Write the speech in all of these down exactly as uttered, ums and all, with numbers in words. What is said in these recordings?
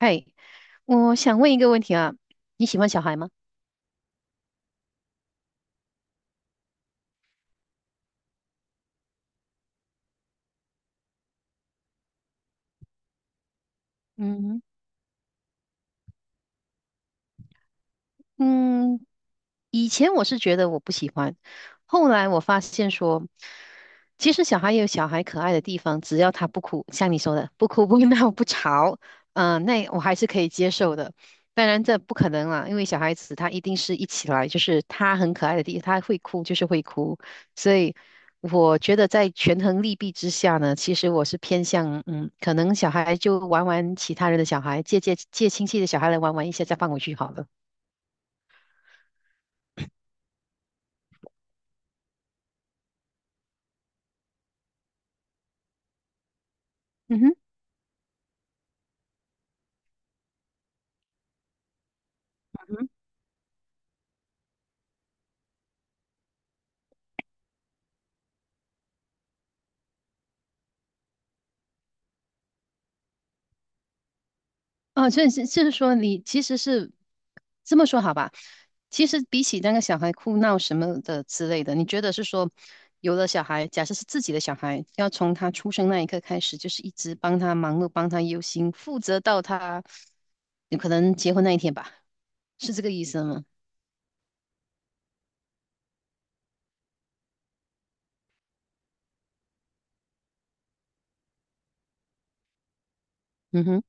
嘿，我想问一个问题啊，你喜欢小孩吗？嗯嗯，以前我是觉得我不喜欢，后来我发现说，其实小孩也有小孩可爱的地方，只要他不哭，像你说的，不哭不闹不吵，嗯、那我还是可以接受的。当然这不可能啦，因为小孩子他一定是一起来，就是他很可爱的地方，他会哭就是会哭，所以我觉得在权衡利弊之下呢，其实我是偏向嗯，可能小孩就玩玩其他人的小孩，借借借亲戚的小孩来玩玩一下，再放回去好了。嗯哼。哦，所是就是说，你其实是这么说好吧？其实比起那个小孩哭闹什么的之类的，你觉得是说，有了小孩，假设是自己的小孩，要从他出生那一刻开始，就是一直帮他忙碌，帮他忧心，负责到他有可能结婚那一天吧？是这个意思吗？嗯哼。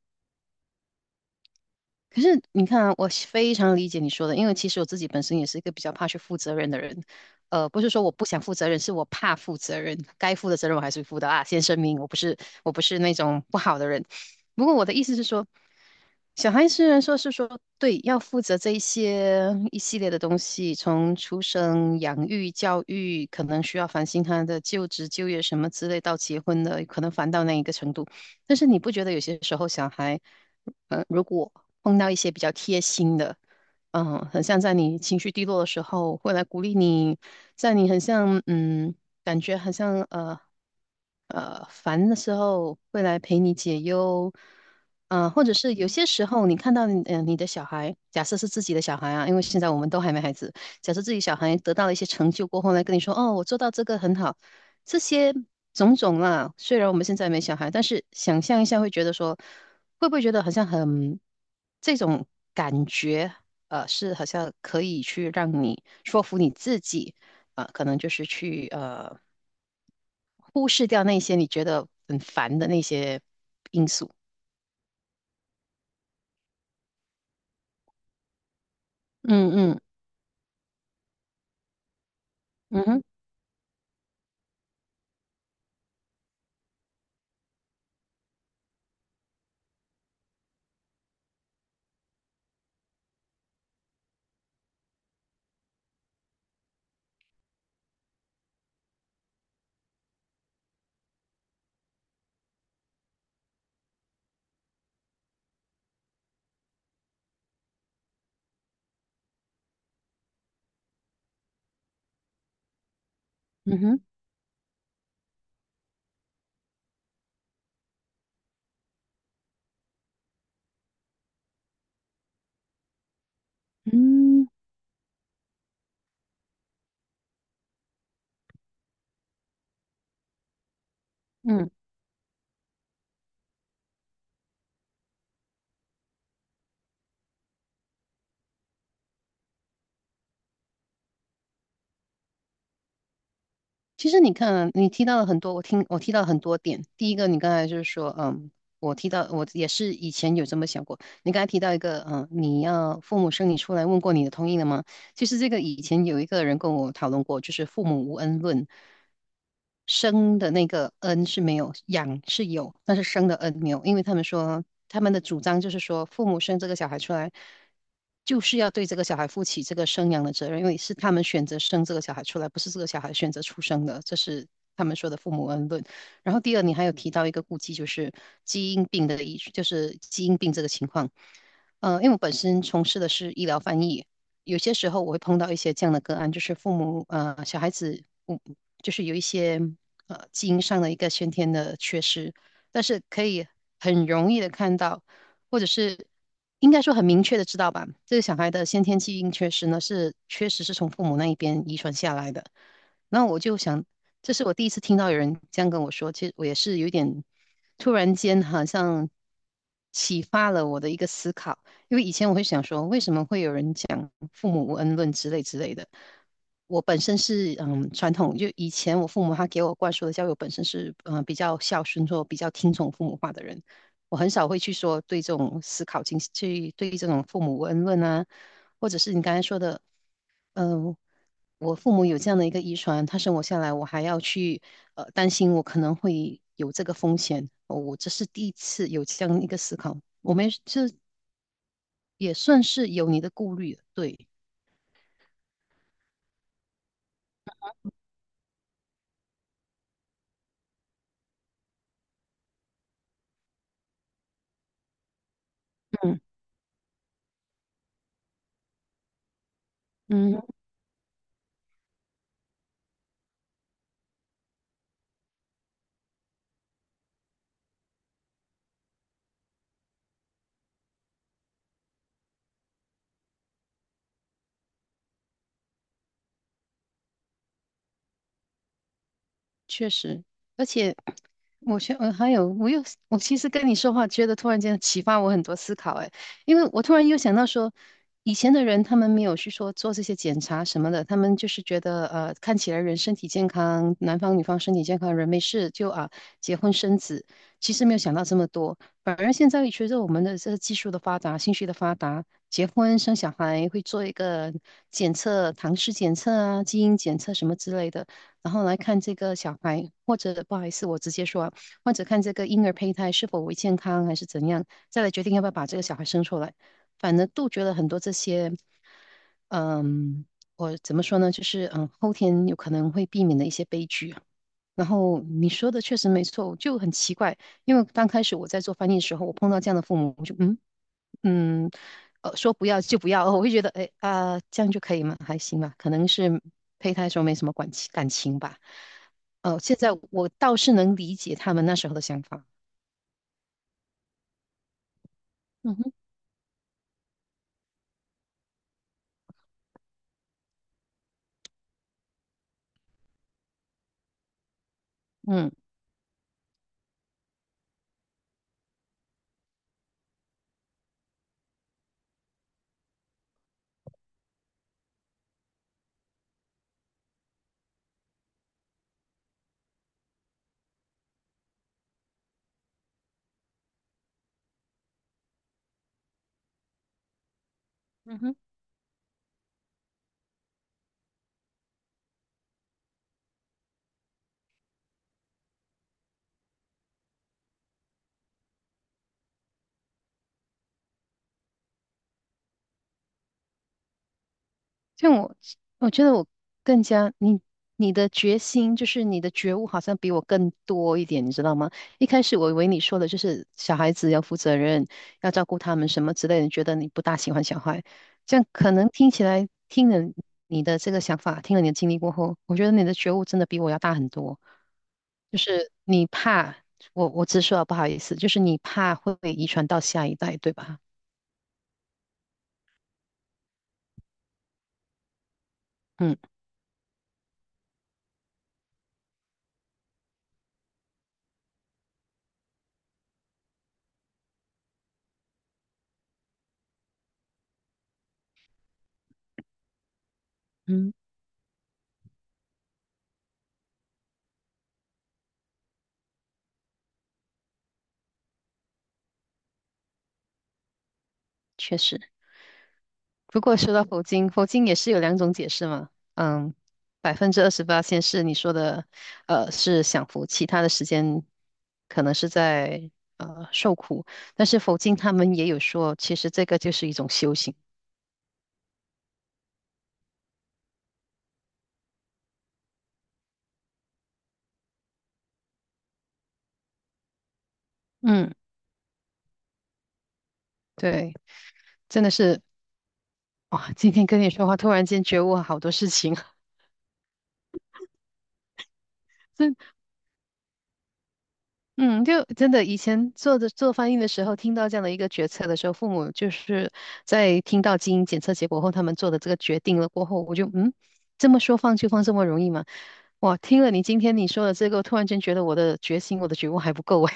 可是你看啊，我是非常理解你说的，因为其实我自己本身也是一个比较怕去负责任的人。呃，不是说我不想负责任，是我怕负责任，该负的责任我还是负的啊。先声明，我不是我不是那种不好的人。不过我的意思是说。小孩虽然说是说对，要负责这一些一系列的东西，从出生、养育、教育，可能需要烦心他的就职、就业什么之类，到结婚的，可能烦到那一个程度。但是你不觉得有些时候小孩，嗯，如果碰到一些比较贴心的，嗯、很像在你情绪低落的时候会来鼓励你，在你很像嗯，感觉很像呃呃烦的时候会来陪你解忧，呃，或者是有些时候你看到你呃你的小孩，假设是自己的小孩啊，因为现在我们都还没孩子，假设自己小孩得到了一些成就过后来跟你说，哦，我做到这个很好，这些种种啦，虽然我们现在没小孩，但是想象一下会觉得说，会不会觉得好像很这种感觉，呃，是好像可以去让你说服你自己。啊，可能就是去呃忽视掉那些你觉得很烦的那些因素。嗯嗯。嗯哼。嗯哼。嗯嗯，其实你看啊你提到了很多，我听我提到了很多点。第一个，你刚才就是说，嗯，我提到我也是以前有这么想过。你刚才提到一个，嗯，你要父母生你出来问过你的同意了吗？其实这个以前有一个人跟我讨论过，就是父母无恩论，生的那个恩是没有，养是有，但是生的恩没有，因为他们说他们的主张就是说，父母生这个小孩出来，就是要对这个小孩负起这个生养的责任，因为是他们选择生这个小孩出来，不是这个小孩选择出生的，这是他们说的父母恩论。然后第二，你还有提到一个顾忌，就是基因病的医，就是基因病这个情况。呃，因为我本身从事的是医疗翻译，有些时候我会碰到一些这样的个案，就是父母呃小孩子，嗯，就是有一些呃基因上的一个先天的缺失，但是可以很容易的看到，或者是应该说很明确的知道吧，这个小孩的先天基因缺失呢是确实是从父母那一边遗传下来的。那我就想，这是我第一次听到有人这样跟我说，其实我也是有点突然间好像启发了我的一个思考。因为以前我会想说，为什么会有人讲父母无恩论之类之类的？我本身是嗯传统，就以前我父母他给我灌输的教育，我本身是嗯、呃比较孝顺或比较听从父母话的人，我很少会去说对这种思考进行去对这种父母无恩论啊，或者是你刚才说的，嗯、我父母有这样的一个遗传，他生我下来，我还要去呃担心我可能会有这个风险，哦我这是第一次有这样一个思考。我们这也算是有你的顾虑，对，嗯嗯。是而且我觉得，呃还有，我又，我其实跟你说话，觉得突然间启发我很多思考，哎，因为我突然又想到说，以前的人他们没有去说做这些检查什么的，他们就是觉得，呃，看起来人身体健康，男方女方身体健康，人没事就啊结婚生子，其实没有想到这么多，反而现在随着我们的这个技术的发达，信息的发达。结婚生小孩会做一个检测，唐氏检测啊、基因检测什么之类的。然后来看这个小孩，或者不好意思，我直接说啊，或者看这个婴儿胚胎是否为健康还是怎样，再来决定要不要把这个小孩生出来。反正杜绝了很多这些，嗯，我怎么说呢？就是嗯，后天有可能会避免的一些悲剧啊。然后你说的确实没错，就很奇怪，因为刚开始我在做翻译的时候，我碰到这样的父母，我就嗯，嗯，呃，说不要就不要，哦我会觉得，哎啊、这样就可以吗？还行吧，可能是胚胎时候没什么感情感情吧。呃，现在我倒是能理解他们那时候的想法。嗯哼。嗯。嗯哼。像我，我觉得我更加你你的决心，就是你的觉悟，好像比我更多一点，你知道吗？一开始我以为你说的就是小孩子要负责任，要照顾他们什么之类的，觉得你不大喜欢小孩，这样可能听起来听了你的这个想法，听了你的经历过后，我觉得你的觉悟真的比我要大很多。就是你怕，我我直说啊，不好意思，就是你怕会遗传到下一代，对吧？嗯嗯，确实。不过说到佛经，佛经也是有两种解释嘛。嗯，百分之二十八先是你说的，呃，是享福，其他的时间可能是在呃受苦。但是佛经他们也有说，其实这个就是一种修行。嗯，对，真的是哇！今天跟你说话，突然间觉悟好多事情啊，真嗯，就真的以前做的做翻译的时候，听到这样的一个决策的时候，父母就是在听到基因检测结果后，他们做的这个决定了过后，我就嗯，这么说放就放这么容易吗？哇，听了你今天你说的这个，我突然间觉得我的决心、我的觉悟还不够哎，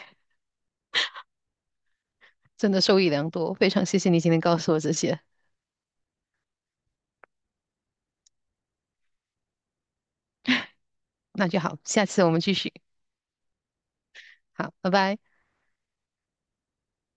真的受益良多，非常谢谢你今天告诉我这些，那就好，下次我们继续，好，拜拜。